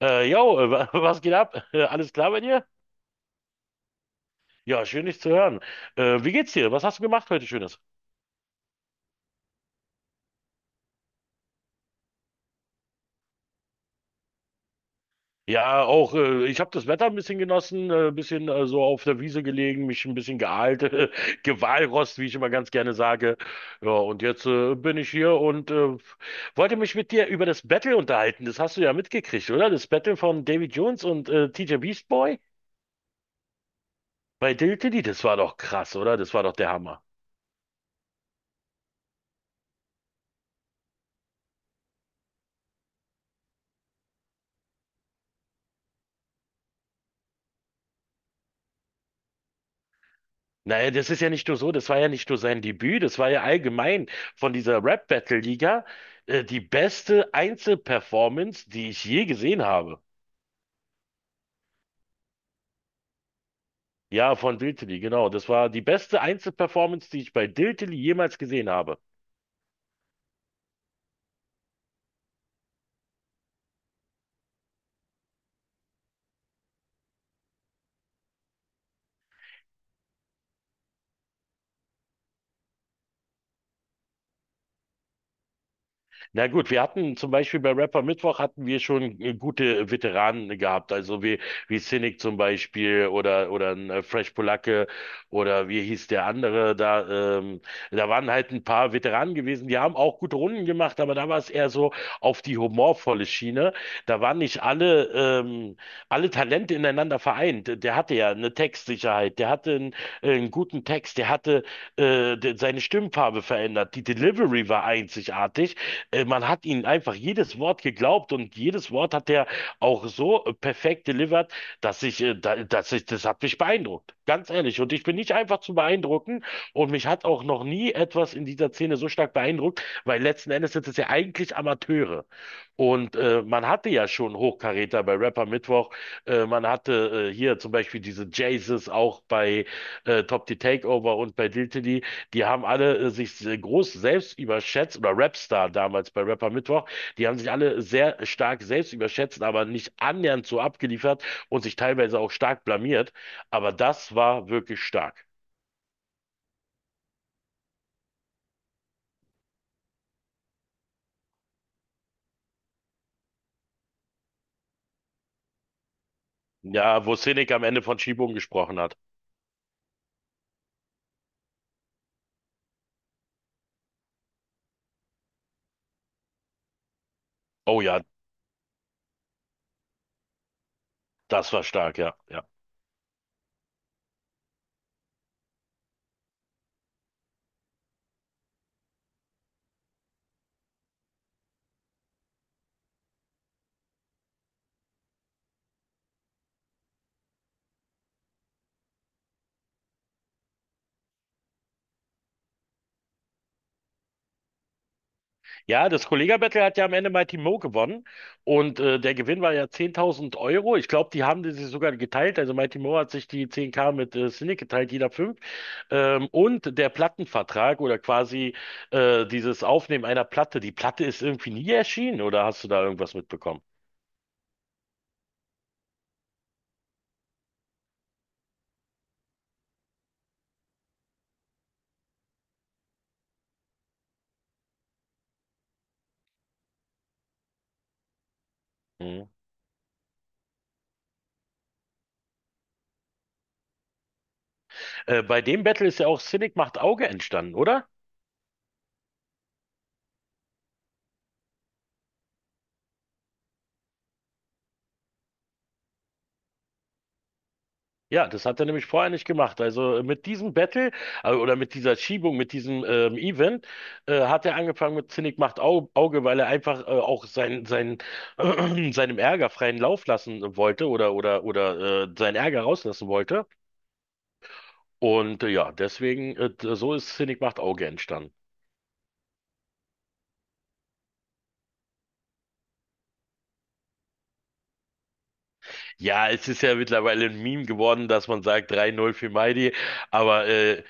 Was geht ab? Alles klar bei dir? Ja, schön dich zu hören. Wie geht's dir? Was hast du gemacht heute Schönes? Ja, auch ich habe das Wetter ein bisschen genossen, ein bisschen so auf der Wiese gelegen, mich ein bisschen geahlt, Gewalrost, wie ich immer ganz gerne sage. Ja, und jetzt bin ich hier und wollte mich mit dir über das Battle unterhalten. Das hast du ja mitgekriegt, oder? Das Battle von David Jones und TJ Beast Boy bei Dill Diddy, das war doch krass, oder? Das war doch der Hammer. Naja, das ist ja nicht nur so, das war ja nicht nur sein Debüt, das war ja allgemein von dieser Rap-Battle-Liga die beste Einzelperformance, die ich je gesehen habe. Ja, von Diltily, genau. Das war die beste Einzelperformance, die ich bei Diltily jemals gesehen habe. Na gut, wir hatten zum Beispiel bei Rapper Mittwoch hatten wir schon gute Veteranen gehabt, also wie Cynic zum Beispiel oder ein Fresh Polacke oder wie hieß der andere da, da waren halt ein paar Veteranen gewesen, die haben auch gute Runden gemacht, aber da war es eher so auf die humorvolle Schiene. Da waren nicht alle, alle Talente ineinander vereint. Der hatte ja eine Textsicherheit, einen guten Text, der hatte seine Stimmfarbe verändert. Die Delivery war einzigartig. Man hat ihm einfach jedes Wort geglaubt und jedes Wort hat er auch so perfekt delivered, dass ich, da, dass ich, das hat mich beeindruckt. Ganz ehrlich. Und ich bin nicht einfach zu beeindrucken und mich hat auch noch nie etwas in dieser Szene so stark beeindruckt, weil letzten Endes sind es ja eigentlich Amateure. Und man hatte ja schon Hochkaräter bei Rapper Mittwoch. Man hatte hier zum Beispiel diese Jaces auch bei Top the Takeover und bei Diltily, die haben alle sich groß selbst überschätzt, oder Rapstar damals bei Rapper Mittwoch, die haben sich alle sehr stark selbst überschätzt, aber nicht annähernd so abgeliefert und sich teilweise auch stark blamiert. Aber das war wirklich stark. Ja, wo Sinek am Ende von Schiebung gesprochen hat. Oh ja, das war stark, ja. Ja. Ja, das Kollega-Battle hat ja am Ende Mighty Mo gewonnen und der Gewinn war ja 10.000 Euro. Ich glaube, die haben die sich sogar geteilt. Also Mighty Mo hat sich die 10k mit Cynic geteilt, jeder fünf. Und der Plattenvertrag oder quasi dieses Aufnehmen einer Platte. Die Platte ist irgendwie nie erschienen oder hast du da irgendwas mitbekommen? Mhm. Bei dem Battle ist ja auch Cynic macht Auge entstanden, oder? Ja, das hat er nämlich vorher nicht gemacht. Also mit diesem Battle oder mit dieser Schiebung, mit diesem Event, hat er angefangen mit Zinnig macht Auge, weil er einfach auch sein, seinem Ärger freien Lauf lassen wollte oder seinen Ärger rauslassen wollte. Und ja, deswegen, so ist Zinnig macht Auge entstanden. Ja, es ist ja mittlerweile ein Meme geworden, dass man sagt 3-0 für Mighty, aber äh,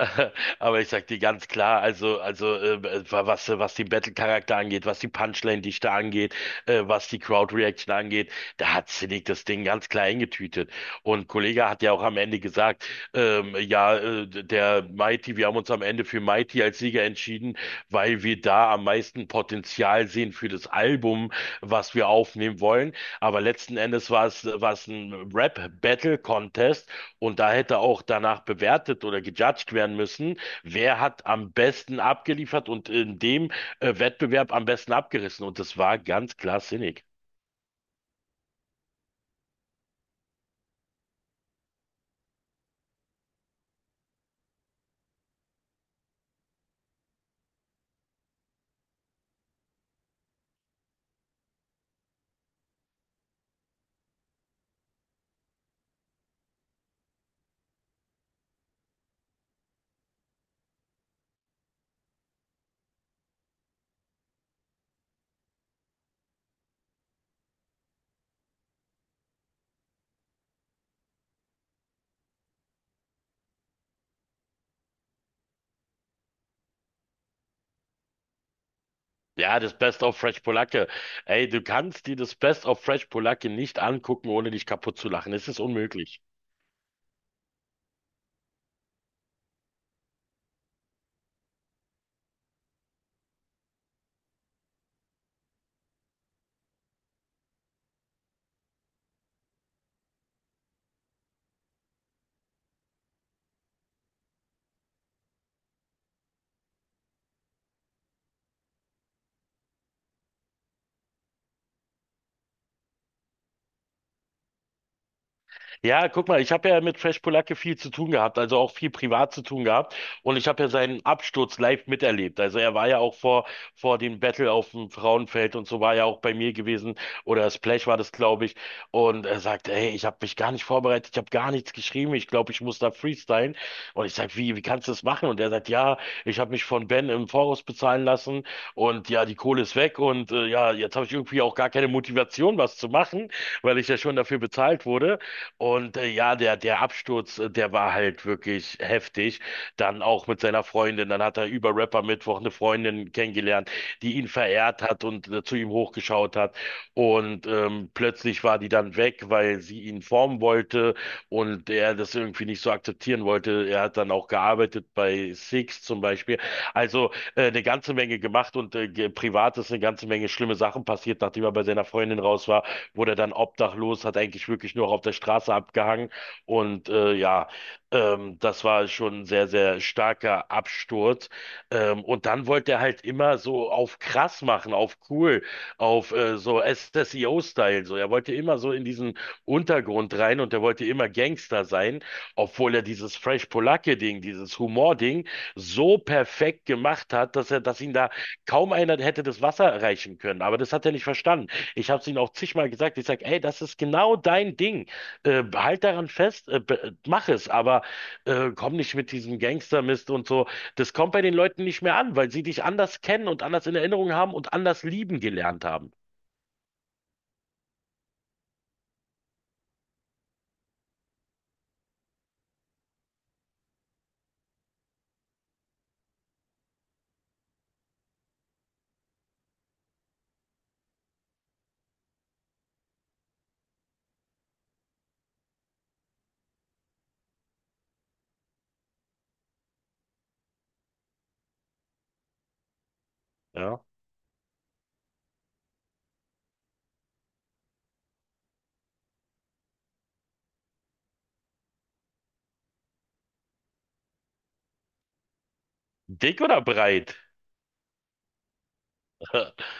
aber ich sag dir ganz klar, also was den Battle-Charakter angeht, was die Punchline-Dichte angeht, was die Crowd-Reaction angeht, da hat Cynic das Ding ganz klar eingetütet. Und Kollege hat ja auch am Ende gesagt, ja, der Mighty, wir haben uns am Ende für Mighty Sieger entschieden, weil wir da am meisten Potenzial sehen für das Album, was wir aufnehmen wollen. Aber letzten Endes war es ein Rap-Battle-Contest und da hätte auch danach bewertet oder gejudged werden müssen, wer hat am besten abgeliefert und in dem Wettbewerb am besten abgerissen. Und das war ganz klar sinnig. Ja, das Best of Fresh Polacke. Ey, du kannst dir das Best of Fresh Polacke nicht angucken, ohne dich kaputt zu lachen. Es ist unmöglich. Ja, guck mal, ich habe ja mit Fresh Polacke viel zu tun gehabt, also auch viel privat zu tun gehabt. Und ich habe ja seinen Absturz live miterlebt. Also er war ja auch vor dem Battle auf dem Frauenfeld und so war ja auch bei mir gewesen. Oder Splash war das, glaube ich. Und er sagt, ey, ich habe mich gar nicht vorbereitet, ich habe gar nichts geschrieben. Ich glaube, ich muss da freestylen. Und ich sage, wie kannst du das machen? Und er sagt, ja, ich habe mich von Ben im Voraus bezahlen lassen. Und ja, die Kohle ist weg. Und ja, jetzt habe ich irgendwie auch gar keine Motivation, was zu machen, weil ich ja schon dafür bezahlt wurde. Und ja, der Absturz, der war halt wirklich heftig. Dann auch mit seiner Freundin. Dann hat er über Rapper Mittwoch eine Freundin kennengelernt, die ihn verehrt hat und zu ihm hochgeschaut hat. Und plötzlich war die dann weg, weil sie ihn formen wollte und er das irgendwie nicht so akzeptieren wollte. Er hat dann auch gearbeitet bei Six zum Beispiel. Also eine ganze Menge gemacht und privat ist eine ganze Menge schlimme Sachen passiert, nachdem er bei seiner Freundin raus war, wurde dann obdachlos, hat eigentlich wirklich nur auf der Straße abgehangen. Und ja, das war schon ein sehr, sehr starker Absturz. Und dann wollte er halt immer so auf krass machen, auf cool, auf so O style. So, er wollte immer so in diesen Untergrund rein und er wollte immer Gangster sein, obwohl er dieses Fresh Polacke-Ding, dieses Humor-Ding so perfekt gemacht hat, dass ihn da kaum einer hätte das Wasser erreichen können. Aber das hat er nicht verstanden. Ich habe es ihnen auch zigmal gesagt. Ich sage, ey, das ist genau dein Ding. Halt daran fest, mach es, aber komm nicht mit diesem Gangstermist und so. Das kommt bei den Leuten nicht mehr an, weil sie dich anders kennen und anders in Erinnerung haben und anders lieben gelernt haben. Ja. Dick oder breit?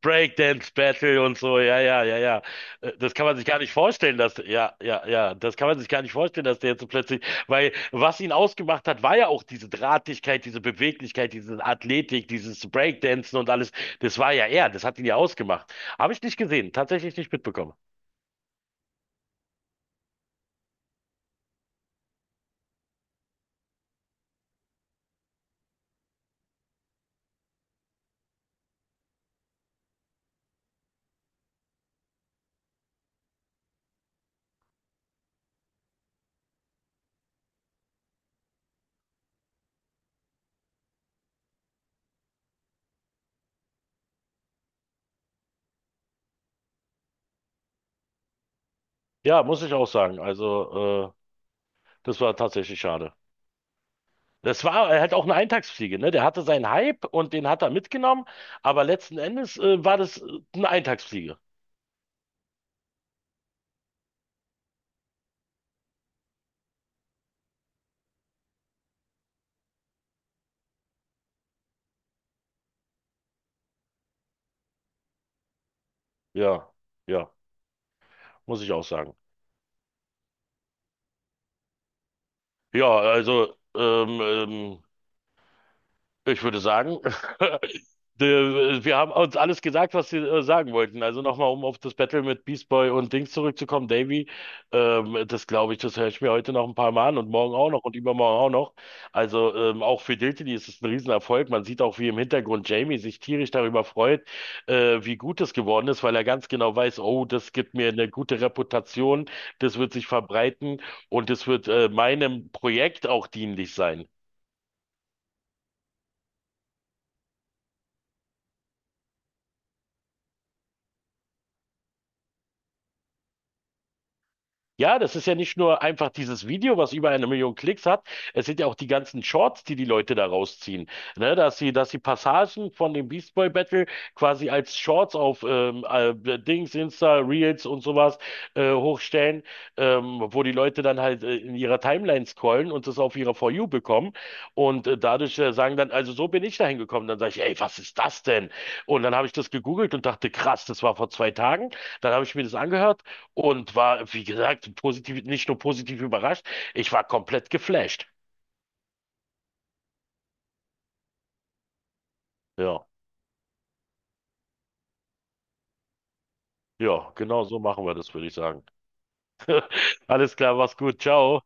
Breakdance Battle und so, ja, ja, ja, ja. Das kann man sich gar nicht vorstellen, ja, ja, ja, das kann man sich gar nicht vorstellen, dass der jetzt so plötzlich, weil was ihn ausgemacht hat, war ja auch diese Drahtigkeit, diese Beweglichkeit, diese Athletik, dieses Breakdancen und alles. Das war ja er, das hat ihn ja ausgemacht. Habe ich nicht gesehen, tatsächlich nicht mitbekommen. Ja, muss ich auch sagen. Also, das war tatsächlich schade. Das war halt auch eine Eintagsfliege, ne? Der hatte seinen Hype und den hat er mitgenommen, aber letzten Endes, war das eine Eintagsfliege. Ja, ja, muss ich auch sagen. Ja, also ähm, ähm, Ich würde sagen, wir haben uns alles gesagt, was wir sagen wollten. Also nochmal, um auf das Battle mit Beast Boy und Dings zurückzukommen, Davy, das glaube ich, das höre ich mir heute noch ein paar Mal an und morgen auch noch und übermorgen auch noch. Also auch für Diltily ist es ein Riesenerfolg. Man sieht auch, wie im Hintergrund Jamie sich tierisch darüber freut, wie gut es geworden ist, weil er ganz genau weiß, oh, das gibt mir eine gute Reputation, das wird sich verbreiten und das wird meinem Projekt auch dienlich sein. Ja, das ist ja nicht nur einfach dieses Video, was über 1 Million Klicks hat. Es sind ja auch die ganzen Shorts, die die Leute da rausziehen. Ne, dass sie Passagen von dem Beast Boy Battle quasi als Shorts auf Dings, Insta, Reels und sowas hochstellen, wo die Leute dann halt in ihrer Timeline scrollen und das auf ihrer For You bekommen. Und dadurch sagen dann, also so bin ich dahin gekommen. Dann sage ich, ey, was ist das denn? Und dann habe ich das gegoogelt und dachte, krass, das war vor 2 Tagen. Dann habe ich mir das angehört und war, wie gesagt, positiv, nicht nur positiv überrascht, ich war komplett geflasht. Ja, ja, genau so machen wir das, würde ich sagen. Alles klar, mach's gut, ciao.